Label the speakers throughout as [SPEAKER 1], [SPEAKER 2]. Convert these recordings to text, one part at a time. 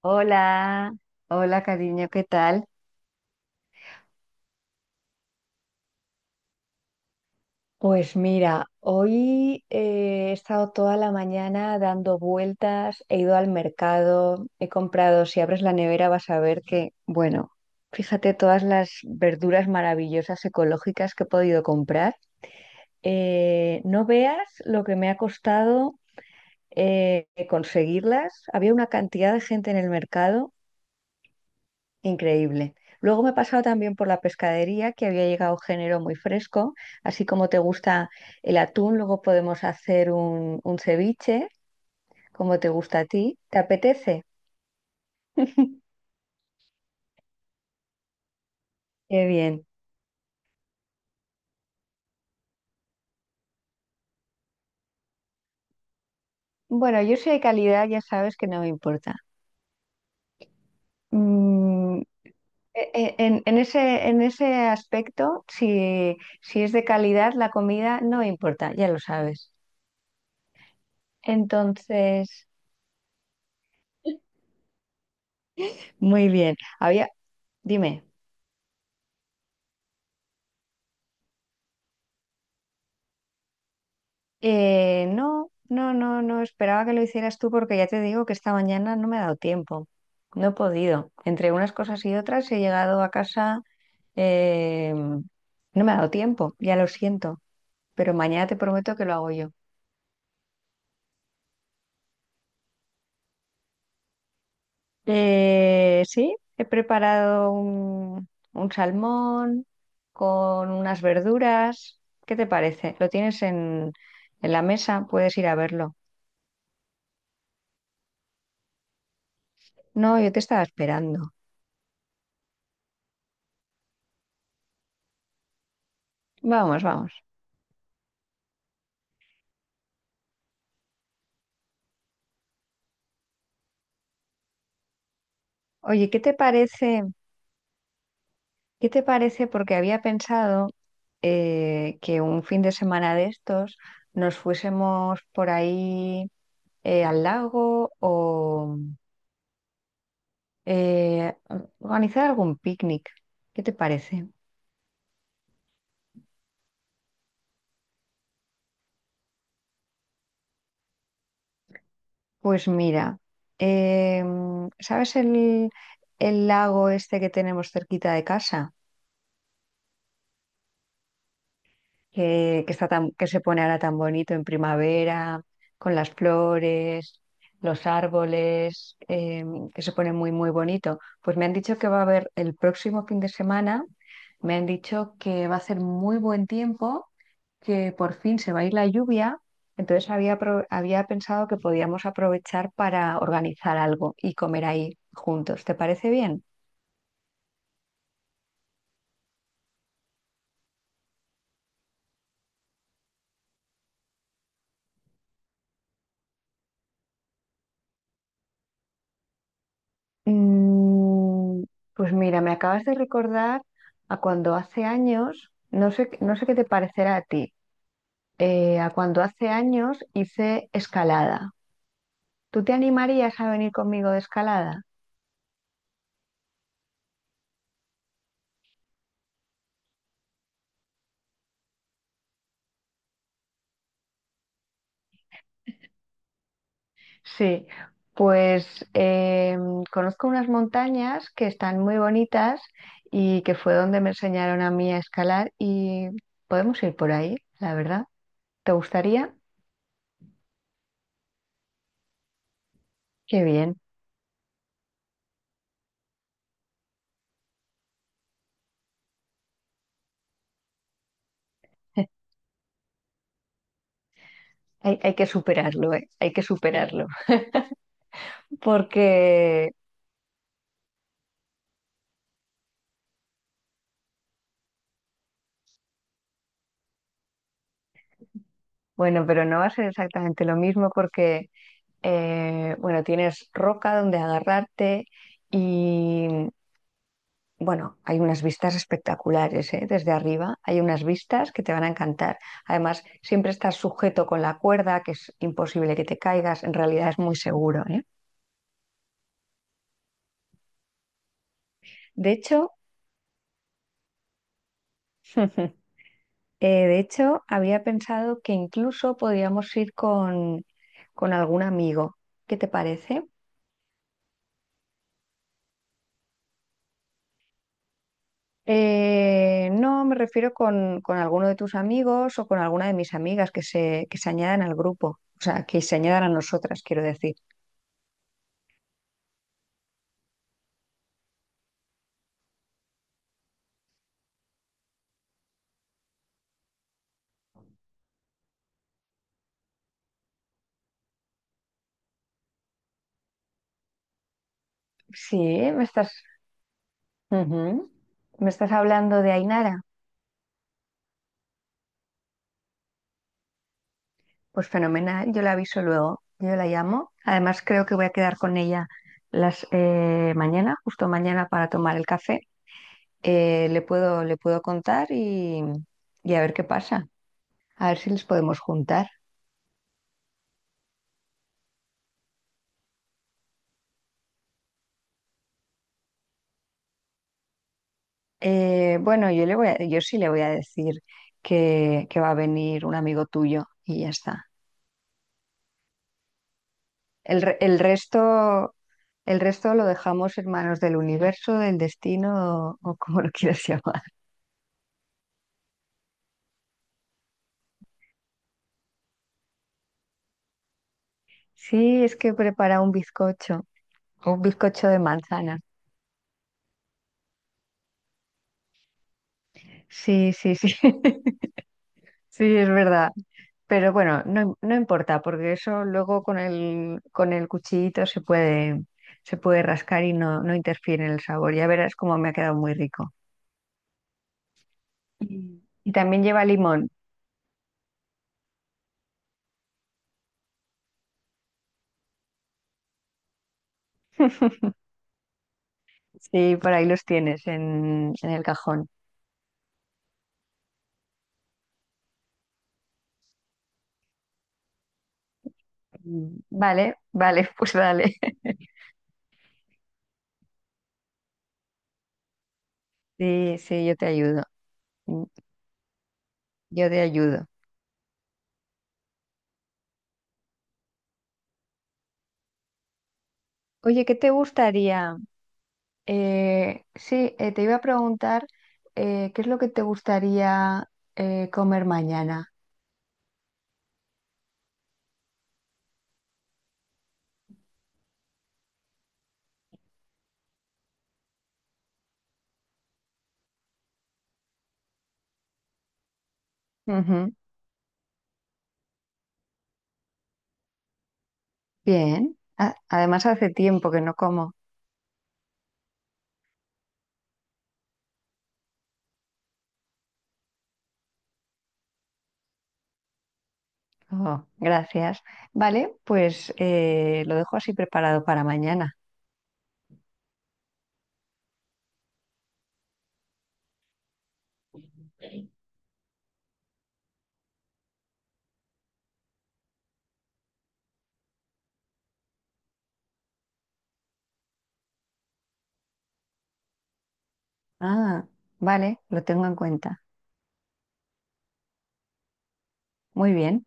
[SPEAKER 1] Hola, hola cariño, ¿qué tal? Pues mira, hoy he estado toda la mañana dando vueltas, he ido al mercado, he comprado, si abres la nevera vas a ver que, bueno, fíjate todas las verduras maravillosas ecológicas que he podido comprar. No veas lo que me ha costado conseguirlas. Había una cantidad de gente en el mercado. Increíble. Luego me he pasado también por la pescadería, que había llegado género muy fresco. Así como te gusta el atún, luego podemos hacer un ceviche, como te gusta a ti. ¿Te apetece? Qué bien. Bueno, yo soy de calidad, ya sabes que no me importa. Mm, en ese, en ese aspecto, si, si es de calidad, la comida no me importa, ya lo sabes. Entonces, muy bien. Había, dime. No, no, no, no esperaba que lo hicieras tú porque ya te digo que esta mañana no me ha dado tiempo. No he podido. Entre unas cosas y otras he llegado a casa. eh, no me ha dado tiempo, ya lo siento, pero mañana te prometo que lo hago yo. Sí, he preparado un salmón con unas verduras. ¿Qué te parece? ¿Lo tienes en la mesa? Puedes ir a verlo. No, yo te estaba esperando. Vamos, vamos. Oye, ¿qué te parece? ¿Qué te parece? Porque había pensado que un fin de semana de estos nos fuésemos por ahí al lago o eh, organizar algún picnic. ¿Qué te parece? Pues mira, ¿sabes el lago este que tenemos cerquita de casa? Que está tan, que se pone ahora tan bonito en primavera, con las flores, los árboles, que se pone muy, muy bonito. Pues me han dicho que va a haber el próximo fin de semana, me han dicho que va a hacer muy buen tiempo, que por fin se va a ir la lluvia. Entonces había, había pensado que podíamos aprovechar para organizar algo y comer ahí juntos. ¿Te parece bien? Mm, pues mira, me acabas de recordar a cuando hace años, no sé, no sé qué te parecerá a ti, a cuando hace años hice escalada. ¿Tú te animarías a venir conmigo de escalada? Sí, pues conozco unas montañas que están muy bonitas y que fue donde me enseñaron a mí a escalar y podemos ir por ahí, la verdad. ¿Te gustaría? Qué bien. Hay que superarlo, ¿eh? Hay que superarlo. Porque, bueno, pero no va a ser exactamente lo mismo porque, bueno, tienes roca donde agarrarte y, bueno, hay unas vistas espectaculares, ¿eh? Desde arriba hay unas vistas que te van a encantar. Además, siempre estás sujeto con la cuerda, que es imposible que te caigas, en realidad es muy seguro, ¿eh? De hecho, eh, de hecho, había pensado que incluso podríamos ir con algún amigo. ¿Qué te parece? No, me refiero con alguno de tus amigos o con alguna de mis amigas que se añadan al grupo, o sea, que se añadan a nosotras, quiero decir. Sí, me estás, ujú. Me estás hablando de Ainara. Pues fenomenal, yo la aviso luego, yo la llamo. Además, creo que voy a quedar con ella las mañana, justo mañana para tomar el café. Le puedo, le puedo contar y a ver qué pasa, a ver si les podemos juntar. Bueno, yo sí le voy a decir que va a venir un amigo tuyo y ya está. El resto, el resto lo dejamos en manos del universo, del destino o como lo quieras llamar. Sí, es que prepara un bizcocho de manzana. Sí, sí, sí. Sí, es verdad. Pero bueno, no, no importa, porque eso luego con el cuchillito se puede rascar y no, no interfiere en el sabor. Ya verás cómo me ha quedado muy rico. Y también lleva limón. Sí, por ahí los tienes en el cajón. Vale, vale, pues dale. Sí, sí, yo te ayudo. Mm, Yo te ayudo. Oye, ¿qué te gustaría? Sí, te iba a preguntar ¿qué es lo que te gustaría comer mañana? Ujú. Bien. Además, hace tiempo que no como. Oh, gracias. Vale, pues lo dejo así preparado para mañana. Ah, vale, lo tengo en cuenta. Muy bien,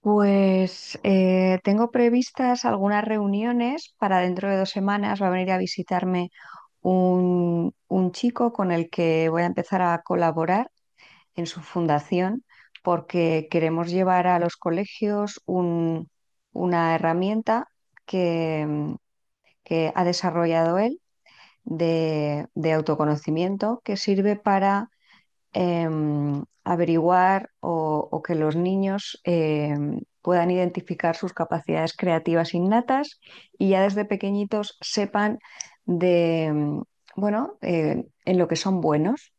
[SPEAKER 1] pues tengo previstas algunas reuniones para dentro de 2 semanas. Va a venir a visitarme un chico con el que voy a empezar a colaborar en su fundación porque queremos llevar a los colegios una herramienta que que ha desarrollado él de autoconocimiento que sirve averiguar o que los niños puedan identificar sus capacidades creativas innatas y ya desde pequeñitos sepan de, bueno, en lo que son buenos.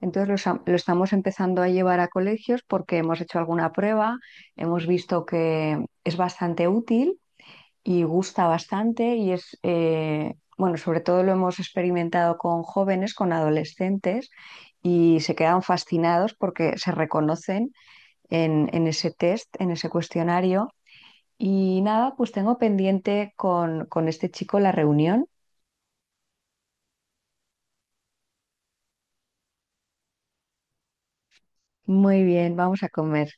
[SPEAKER 1] Entonces estamos empezando a llevar a colegios porque hemos hecho alguna prueba, hemos visto que es bastante útil y gusta bastante y es, bueno, sobre todo lo hemos experimentado con jóvenes, con adolescentes y se quedan fascinados porque se reconocen en ese test, en ese cuestionario. Y nada, pues tengo pendiente con este chico la reunión. Muy bien, vamos a comer.